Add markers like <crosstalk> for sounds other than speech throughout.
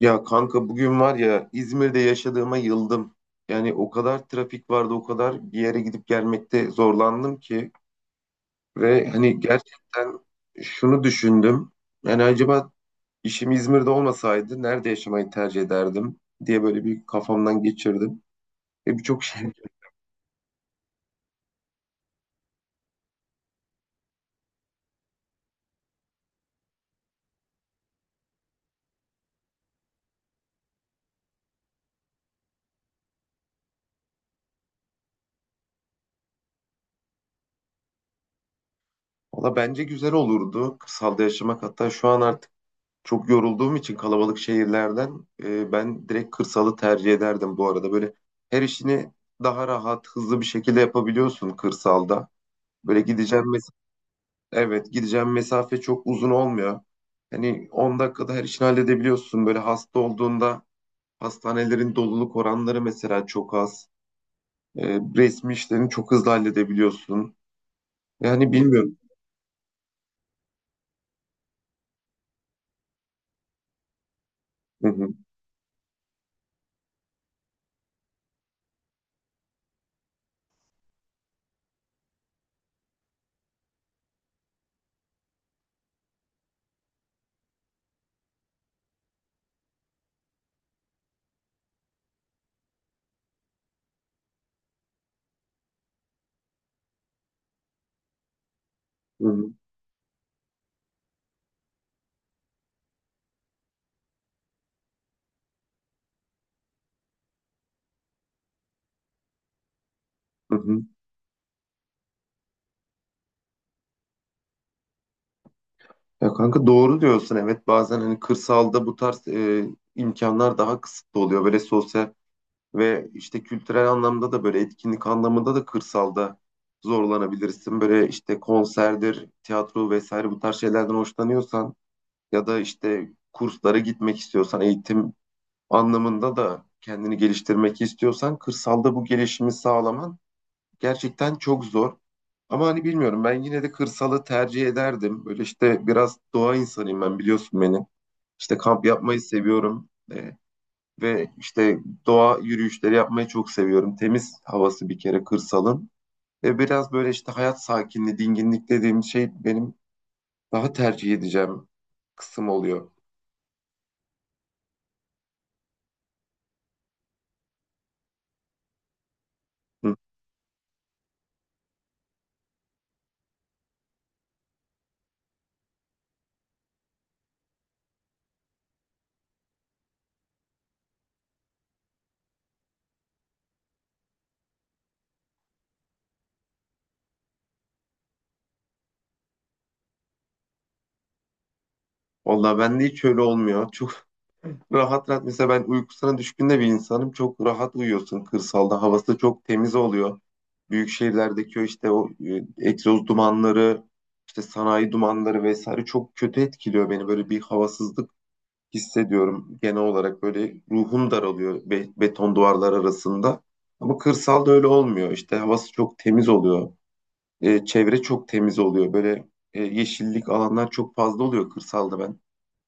Ya kanka bugün var ya İzmir'de yaşadığıma yıldım. Yani o kadar trafik vardı, o kadar bir yere gidip gelmekte zorlandım ki ve hani gerçekten şunu düşündüm. Yani acaba işim İzmir'de olmasaydı nerede yaşamayı tercih ederdim diye böyle bir kafamdan geçirdim. Ve birçok şey. Valla bence güzel olurdu kırsalda yaşamak. Hatta şu an artık çok yorulduğum için kalabalık şehirlerden ben direkt kırsalı tercih ederdim bu arada. Böyle her işini daha rahat, hızlı bir şekilde yapabiliyorsun kırsalda. Böyle evet, gideceğim mesafe çok uzun olmuyor. Hani 10 dakikada her işini halledebiliyorsun. Böyle hasta olduğunda hastanelerin doluluk oranları mesela çok az. Resmi işlerini çok hızlı halledebiliyorsun. Yani bilmiyorum. Hı hı, hı hı, hı hı. Ya kanka doğru diyorsun, evet, bazen hani kırsalda bu tarz imkanlar daha kısıtlı oluyor. Böyle sosyal ve işte kültürel anlamda da böyle etkinlik anlamında da kırsalda zorlanabilirsin. Böyle işte konserdir, tiyatro vesaire bu tarz şeylerden hoşlanıyorsan ya da işte kurslara gitmek istiyorsan, eğitim anlamında da kendini geliştirmek istiyorsan kırsalda bu gelişimi sağlaman gerçekten çok zor. Ama hani bilmiyorum, ben yine de kırsalı tercih ederdim. Böyle işte biraz doğa insanıyım ben, biliyorsun beni. İşte kamp yapmayı seviyorum. Ve işte doğa yürüyüşleri yapmayı çok seviyorum. Temiz havası bir kere kırsalın. Ve biraz böyle işte hayat sakinliği, dinginlik dediğim şey benim daha tercih edeceğim kısım oluyor. Hı. Vallahi bende hiç öyle olmuyor. Çok <laughs> rahat rahat, mesela ben uykusuna düşkün de bir insanım. Çok rahat uyuyorsun kırsalda. Havası çok temiz oluyor. Büyük şehirlerdeki o işte o egzoz dumanları, işte sanayi dumanları vesaire çok kötü etkiliyor beni. Böyle bir havasızlık hissediyorum genel olarak. Böyle ruhum daralıyor beton duvarlar arasında. Ama kırsalda öyle olmuyor. İşte havası çok temiz oluyor. Çevre çok temiz oluyor. Böyle yeşillik alanlar çok fazla oluyor kırsalda ben.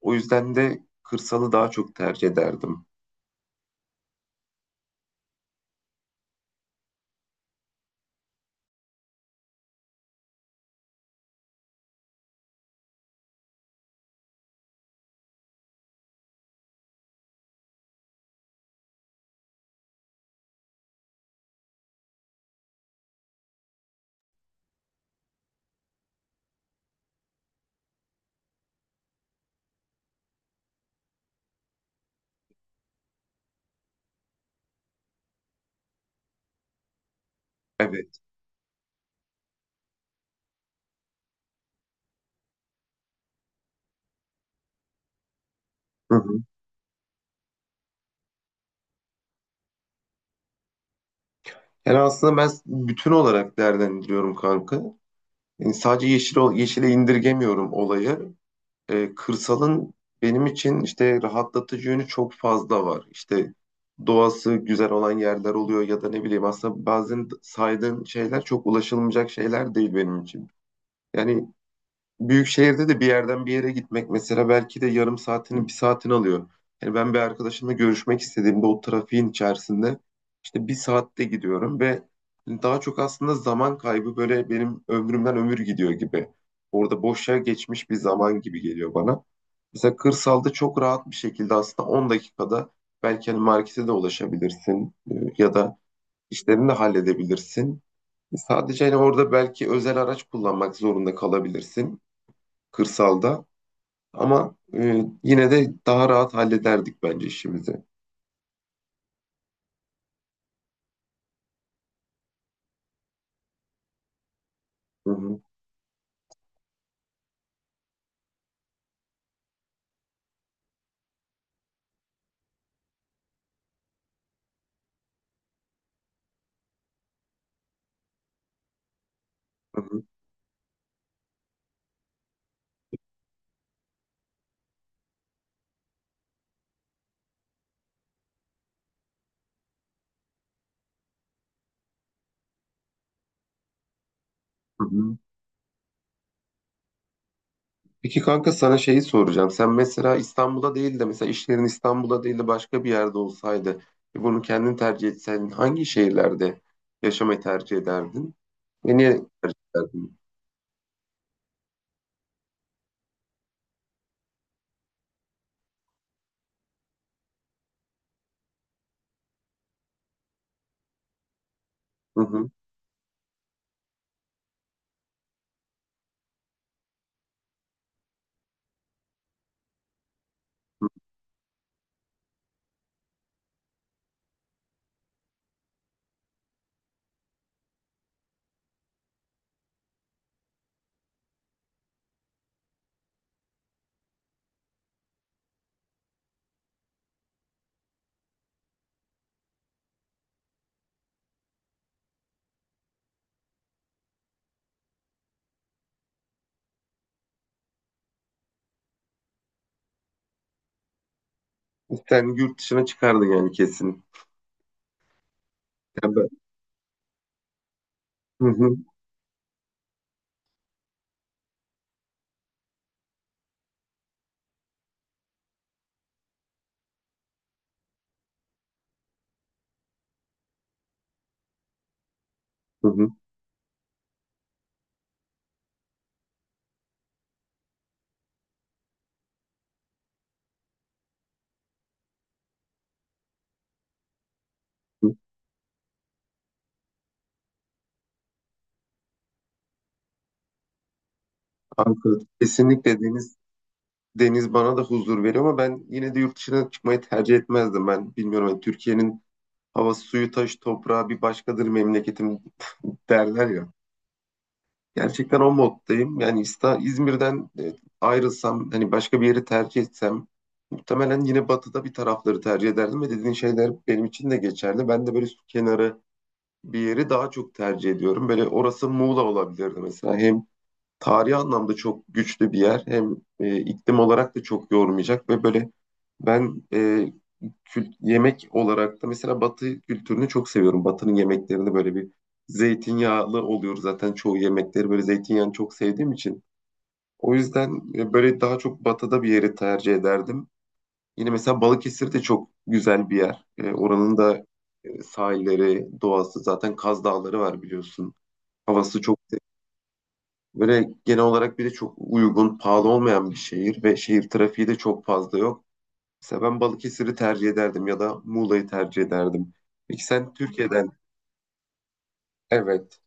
O yüzden de kırsalı daha çok tercih ederdim. Evet. Hı hı. Yani aslında ben bütün olarak değerlendiriyorum kanka. Yani sadece yeşil, yeşile indirgemiyorum olayı. Kırsalın benim için işte rahatlatıcı yönü çok fazla var. İşte doğası güzel olan yerler oluyor ya da ne bileyim, aslında bazen saydığın şeyler çok ulaşılmayacak şeyler değil benim için. Yani büyük şehirde de bir yerden bir yere gitmek mesela belki de yarım saatini, bir saatini alıyor. Yani ben bir arkadaşımla görüşmek istediğimde o trafiğin içerisinde işte bir saatte gidiyorum ve daha çok aslında zaman kaybı, böyle benim ömrümden ömür gidiyor gibi. Orada boşa geçmiş bir zaman gibi geliyor bana. Mesela kırsalda çok rahat bir şekilde aslında 10 dakikada belki hani markete de ulaşabilirsin ya da işlerini de halledebilirsin. Sadece hani orada belki özel araç kullanmak zorunda kalabilirsin kırsalda. Ama yine de daha rahat hallederdik bence işimizi. Hı hı, hı hı, hı hı. Peki kanka sana şeyi soracağım. Sen mesela İstanbul'da değil de, mesela işlerin İstanbul'da değil de başka bir yerde olsaydı ve bunu kendin tercih etsen, hangi şehirlerde yaşamayı tercih ederdin? Ve niye tercih ederdin? Hı hı. Sen yurt dışına çıkardın yani kesin. Ya ben- Hı hı, hı hı, hı. Ankara kesinlikle deniz... Deniz bana da huzur veriyor ama ben yine de yurt dışına çıkmayı tercih etmezdim. Ben bilmiyorum, hani Türkiye'nin havası, suyu, taşı, toprağı bir başkadır memleketim derler ya. Gerçekten o moddayım. Yani İzmir'den ayrılsam, hani başka bir yeri tercih etsem muhtemelen yine batıda bir tarafları tercih ederdim ve dediğin şeyler benim için de geçerli. Ben de böyle su kenarı bir yeri daha çok tercih ediyorum. Böyle orası Muğla olabilirdi mesela. Hem tarihi anlamda çok güçlü bir yer. Hem iklim olarak da çok yormayacak ve böyle ben yemek olarak da mesela Batı kültürünü çok seviyorum. Batı'nın yemeklerini böyle bir zeytinyağlı oluyor zaten çoğu yemekleri, böyle zeytinyağını çok sevdiğim için. O yüzden böyle daha çok Batı'da bir yeri tercih ederdim. Yine mesela Balıkesir de çok güzel bir yer. Oranın da sahilleri, doğası, zaten Kaz Dağları var biliyorsun. Havası çok... Böyle genel olarak bir de çok uygun, pahalı olmayan bir şehir ve şehir trafiği de çok fazla yok. Mesela ben Balıkesir'i tercih ederdim ya da Muğla'yı tercih ederdim. Peki sen Türkiye'den, evet.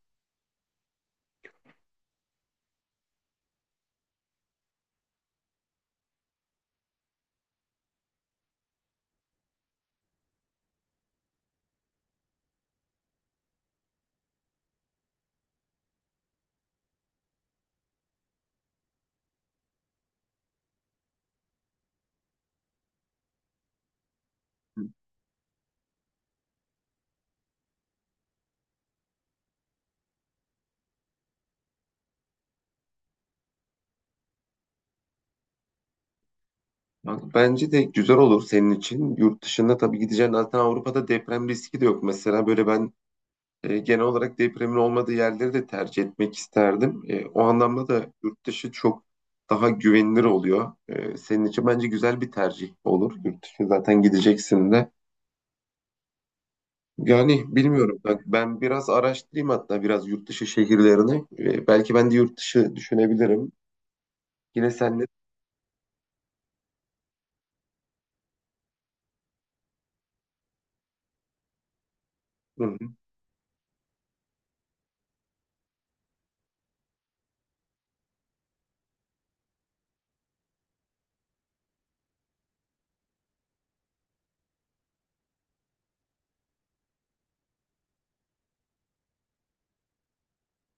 Bak, bence de güzel olur senin için. Yurt dışında tabii gideceğin, zaten Avrupa'da deprem riski de yok. Mesela böyle ben genel olarak depremin olmadığı yerleri de tercih etmek isterdim. O anlamda da yurt dışı çok daha güvenilir oluyor. Senin için bence güzel bir tercih olur. Yurt dışı zaten gideceksin de. Yani bilmiyorum. Bak ben biraz araştırayım hatta biraz yurt dışı şehirlerini. Belki ben de yurt dışı düşünebilirim. Yine senle. Hı hı,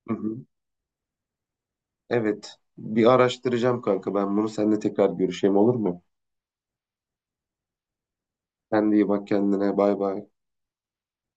hı hı. Evet. Bir araştıracağım kanka. Ben bunu seninle tekrar görüşeyim, olur mu? Sen de iyi bak kendine. Bay bay.